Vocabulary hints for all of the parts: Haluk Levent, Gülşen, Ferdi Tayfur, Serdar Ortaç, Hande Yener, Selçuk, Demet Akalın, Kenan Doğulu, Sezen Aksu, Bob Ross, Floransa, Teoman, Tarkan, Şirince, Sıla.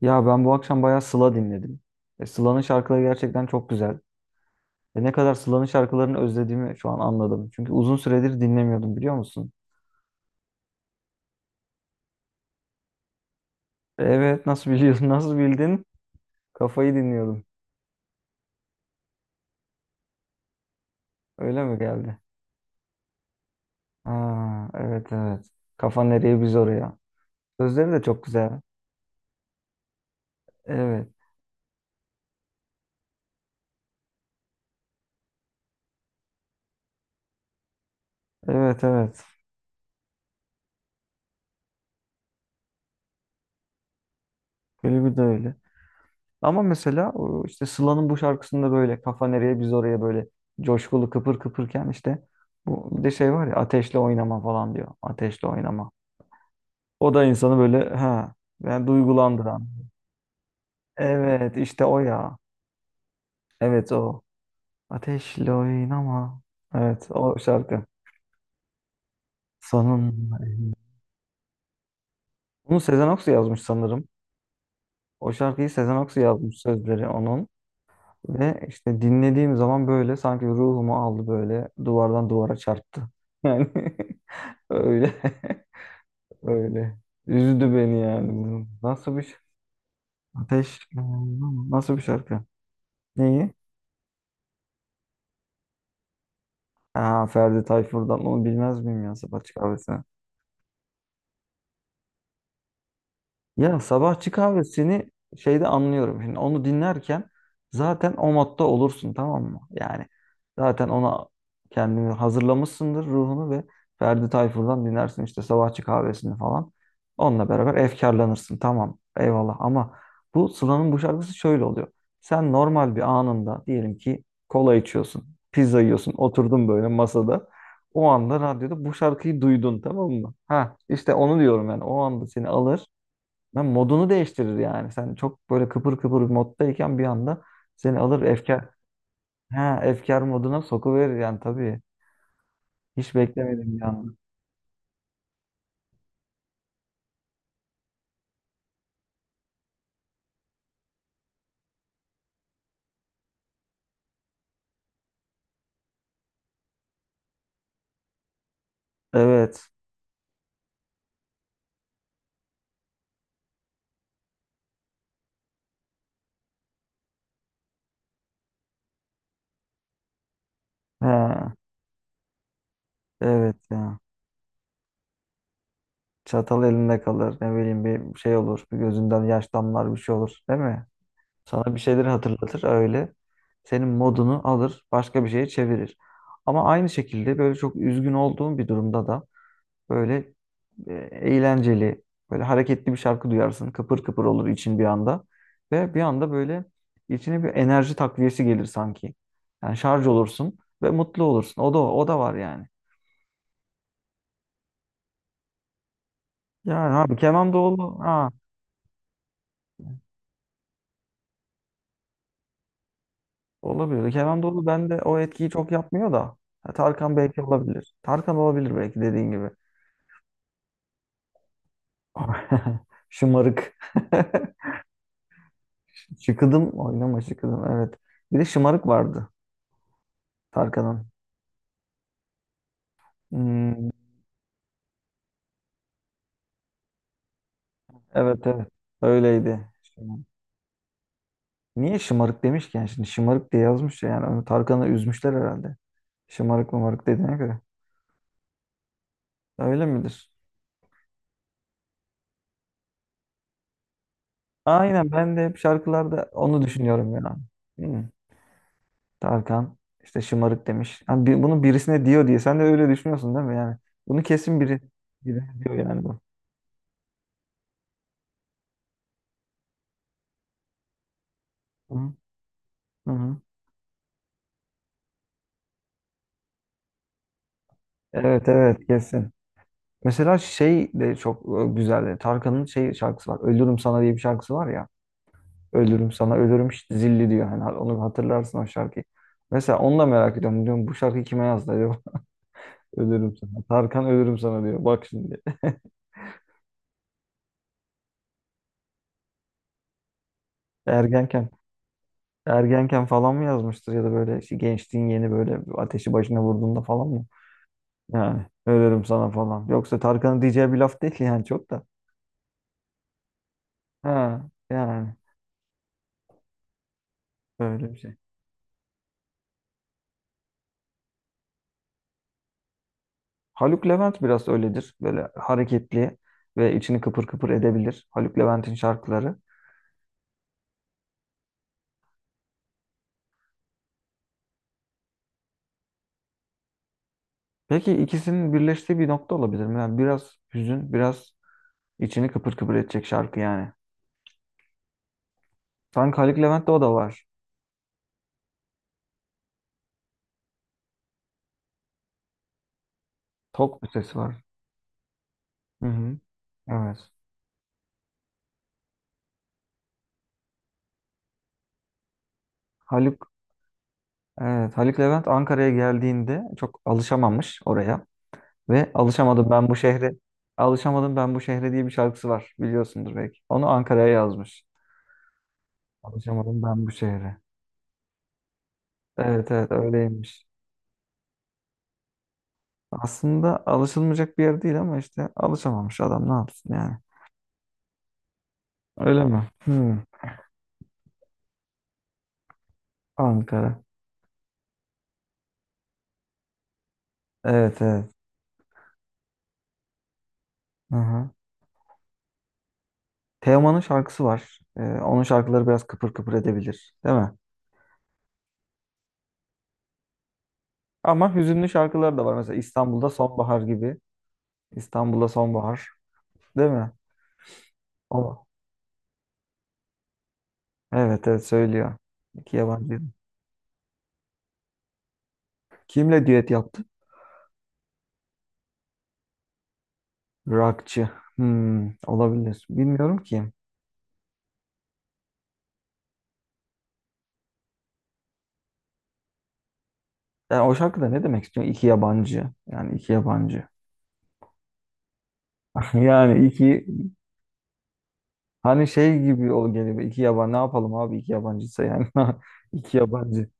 Ya ben bu akşam bayağı Sıla dinledim. Sıla'nın şarkıları gerçekten çok güzel. Ve ne kadar Sıla'nın şarkılarını özlediğimi şu an anladım. Çünkü uzun süredir dinlemiyordum, biliyor musun? Evet, nasıl biliyorsun nasıl bildin? Kafayı dinliyordum. Öyle mi geldi? Ha, evet, evet. Kafa nereye biz oraya. Sözleri de çok güzel. Evet, evet, evet. Klibi de öyle. Ama mesela o işte Sıla'nın bu şarkısında böyle kafa nereye biz oraya, böyle coşkulu kıpır kıpırken işte bu, bir de şey var ya, ateşle oynama falan diyor. Ateşle oynama. O da insanı böyle, ha, ben duygulandıran. Evet, işte o ya. Evet, o. Ateşle oynama. Evet, o şarkı. Sanın. Bunu Sezen Aksu yazmış sanırım. O şarkıyı Sezen Aksu yazmış, sözleri onun. Ve işte dinlediğim zaman böyle sanki ruhumu aldı, böyle duvardan duvara çarptı. Yani Öyle. Öyle. Üzdü beni yani. Bu. Ateş. Nasıl bir şarkı? Neyi? Ha, Ferdi Tayfur'dan onu bilmez miyim ya? Sabah kahvesi. Ya sabahçı kahvesini şeyde anlıyorum. Şimdi onu dinlerken zaten o modda olursun, tamam mı? Yani zaten ona kendini hazırlamışsındır, ruhunu, ve Ferdi Tayfur'dan dinlersin işte sabahçı kahvesini falan. Onunla beraber efkarlanırsın, tamam, eyvallah, ama bu Sıla'nın bu şarkısı şöyle oluyor. Sen normal bir anında, diyelim ki kola içiyorsun, pizza yiyorsun, oturdun böyle masada. O anda radyoda bu şarkıyı duydun, tamam mı? Ha, işte onu diyorum, yani o anda seni alır. Ben modunu değiştirir yani. Sen çok böyle kıpır kıpır bir moddayken bir anda seni alır efkar, ha, efkar moduna sokuverir yani tabii. Hiç beklemedim bir anda. Evet. Ha, evet ya. Çatal elinde kalır. Ne bileyim, bir şey olur. Bir gözünden yaş damlar, bir şey olur. Değil mi? Sana bir şeyleri hatırlatır öyle. Senin modunu alır. Başka bir şeye çevirir. Ama aynı şekilde böyle çok üzgün olduğun bir durumda da böyle eğlenceli, böyle hareketli bir şarkı duyarsın. Kıpır kıpır olur için bir anda. Ve bir anda böyle içine bir enerji takviyesi gelir sanki. Yani şarj olursun ve mutlu olursun. O da, o da var yani. Yani abi Kenan Doğulu, ha, olabilir. Kenan Doğulu bende o etkiyi çok yapmıyor da. Ha, Tarkan belki olabilir. Tarkan olabilir belki, dediğin gibi. Şımarık. Şıkıdım oynama şıkıdım, evet. Bir de şımarık vardı Tarkan'ın. Hmm, evet, evet, öyleydi. Niye şımarık demişken şimdi şımarık diye yazmış ya, yani onu, Tarkan'ı üzmüşler herhalde. Şımarık mımarık dediğine göre. Öyle midir? Aynen, ben de hep şarkılarda onu düşünüyorum yani. Hmm. Tarkan işte şımarık demiş. Yani bunu birisine diyor diye. Sen de öyle düşünüyorsun değil mi yani? Bunu kesin biri, biri diyor yani bu. Hı hı. Hı. Evet, evet, kesin. Mesela şey de çok güzeldi. Tarkan'ın şey şarkısı var. Ölürüm sana diye bir şarkısı var ya. Ölürüm sana, ölürüm işte zilli diyor. Hani onu hatırlarsın, o şarkıyı. Mesela onu da merak ediyorum. Diyorum bu şarkıyı kime yazdı acaba? Ölürüm sana. Tarkan ölürüm sana diyor. Bak şimdi. Ergenken. Ergenken falan mı yazmıştır, ya da böyle işte gençliğin yeni böyle ateşi başına vurduğunda falan mı? Yani ölürüm sana falan. Yoksa Tarkan'ın diyeceği bir laf değil yani, çok da. Ha, yani böyle bir şey. Haluk Levent biraz öyledir. Böyle hareketli ve içini kıpır kıpır edebilir. Haluk Levent'in şarkıları. Belki ikisinin birleştiği bir nokta olabilir mi? Yani biraz hüzün, biraz içini kıpır kıpır edecek şarkı yani. Sanki Haluk Levent'te o da var. Tok bir sesi var. Hı hı. Evet. Haluk, evet. Haluk Levent Ankara'ya geldiğinde çok alışamamış oraya. Ve alışamadım ben bu şehre. Alışamadım ben bu şehre diye bir şarkısı var. Biliyorsundur belki. Onu Ankara'ya yazmış. Alışamadım ben bu şehre. Evet, evet, öyleymiş. Aslında alışılmayacak bir yer değil ama işte alışamamış adam ne yapsın yani. Öyle mi? Hmm. Ankara. Evet, evet. Aha. Teoman'ın şarkısı var. Onun şarkıları biraz kıpır kıpır edebilir, değil mi? Ama hüzünlü şarkıları da var. Mesela İstanbul'da Sonbahar gibi. İstanbul'da Sonbahar, değil mi? O. Evet, evet, söylüyor. İki yabancı. Kimle düet yaptı? Rockçı. Hmm, olabilir. Bilmiyorum ki. Yani o şarkıda ne demek istiyor? İki yabancı. Yani iki yabancı. Yani iki, hani şey gibi ol geliyor. İki yabancı ne yapalım abi, iki yabancıysa yani. İki yabancı.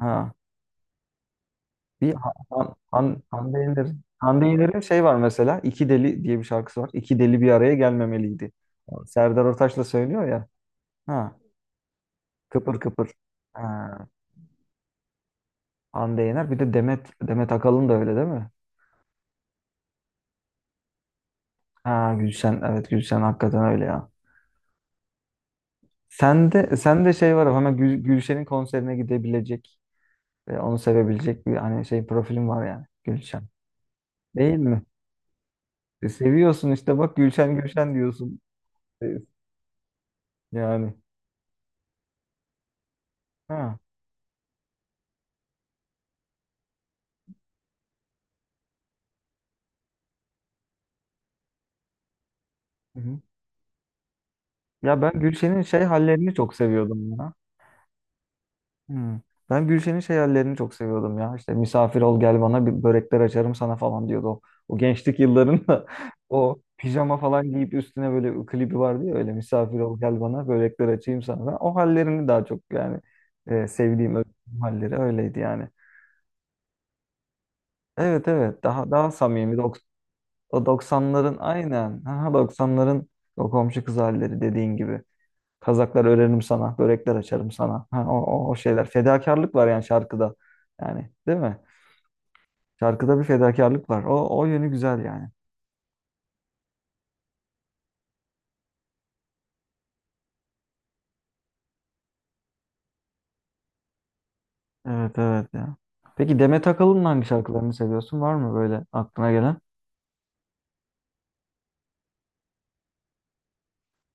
Ha. Bir Hande Yener'in, Hande Yener'in şey var mesela. İki Deli diye bir şarkısı var. İki deli bir araya gelmemeliydi. Serdar Ortaç'la söylüyor ya. Ha, kıpır kıpır. Ha, Hande Yener. Bir de Demet Akalın da öyle değil mi? Ha, Gülşen. Evet, Gülşen hakikaten öyle ya. Sen de şey var, hemen Gülşen'in konserine gidebilecek ve onu sevebilecek bir, hani, şey profilin var yani, Gülşen. Değil mi? Seviyorsun işte, bak, Gülşen Gülşen diyorsun. E, yani. Ha. Hı hı. Ya ben Gülşen'in şey hallerini çok seviyordum ya. Hmm. Ben Gülşen'in şey hallerini çok seviyordum ya. İşte misafir ol gel bana, bir börekler açarım sana falan diyordu. O gençlik yıllarında o pijama falan giyip üstüne böyle klibi vardı ya, öyle misafir ol gel bana, börekler açayım sana. Ben o hallerini daha çok yani, sevdiğim özlediğim halleri öyleydi yani. Evet, evet, daha, daha samimi o 90'ların, aynen, ha, doksanların o komşu kız halleri, dediğin gibi. Kazaklar örerim sana, börekler açarım sana. Ha, o şeyler. Fedakarlık var yani şarkıda. Yani değil mi? Şarkıda bir fedakarlık var. O yönü güzel yani. Evet, evet ya. Peki Demet Akalın'ın hangi şarkılarını seviyorsun? Var mı böyle aklına gelen?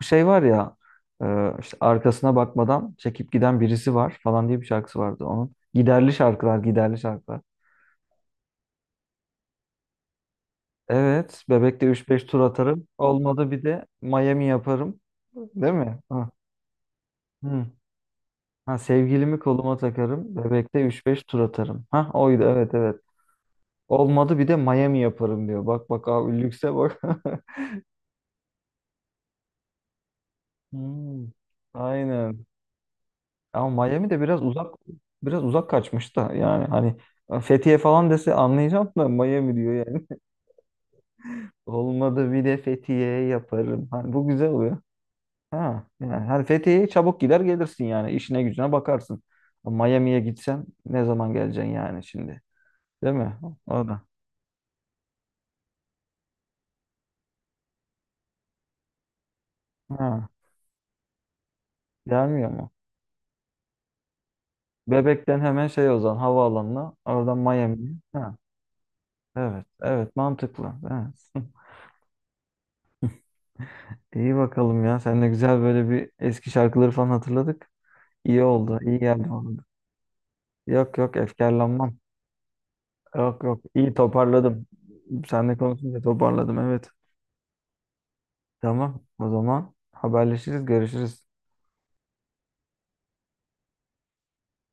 Bu şey var ya, işte arkasına bakmadan çekip giden birisi var falan diye bir şarkısı vardı onun. Giderli şarkılar, giderli şarkılar. Evet, bebekte üç beş tur atarım. Olmadı bir de Miami yaparım. Değil mi? Hı. Hı. Ha, sevgilimi koluma takarım. Bebekte üç beş tur atarım. Ha, oydu, evet, evet. Olmadı bir de Miami yaparım diyor. Bak bak abi, lükse bak. Hmm, aynen. Ama Miami de biraz uzak, biraz uzak kaçmış da, yani hani Fethiye falan dese anlayacağım da, Miami diyor yani. Olmadı bir de Fethiye yaparım. Hani bu güzel oluyor. Ha, yani hani Fethiye'ye çabuk gider gelirsin yani, işine gücüne bakarsın. Miami'ye gitsen ne zaman geleceksin yani şimdi? Değil mi? O da. Ha. Gelmiyor mu? Bebek'ten hemen şey, o zaman havaalanına. Oradan Miami'ye. Ha, evet. Evet, mantıklı. Evet. İyi bakalım ya. Seninle güzel böyle bir eski şarkıları falan hatırladık. İyi oldu. İyi geldi oldu. Yok yok, efkarlanmam. Yok yok. İyi toparladım. Seninle konuşunca toparladım. Evet. Tamam. O zaman haberleşiriz. Görüşürüz.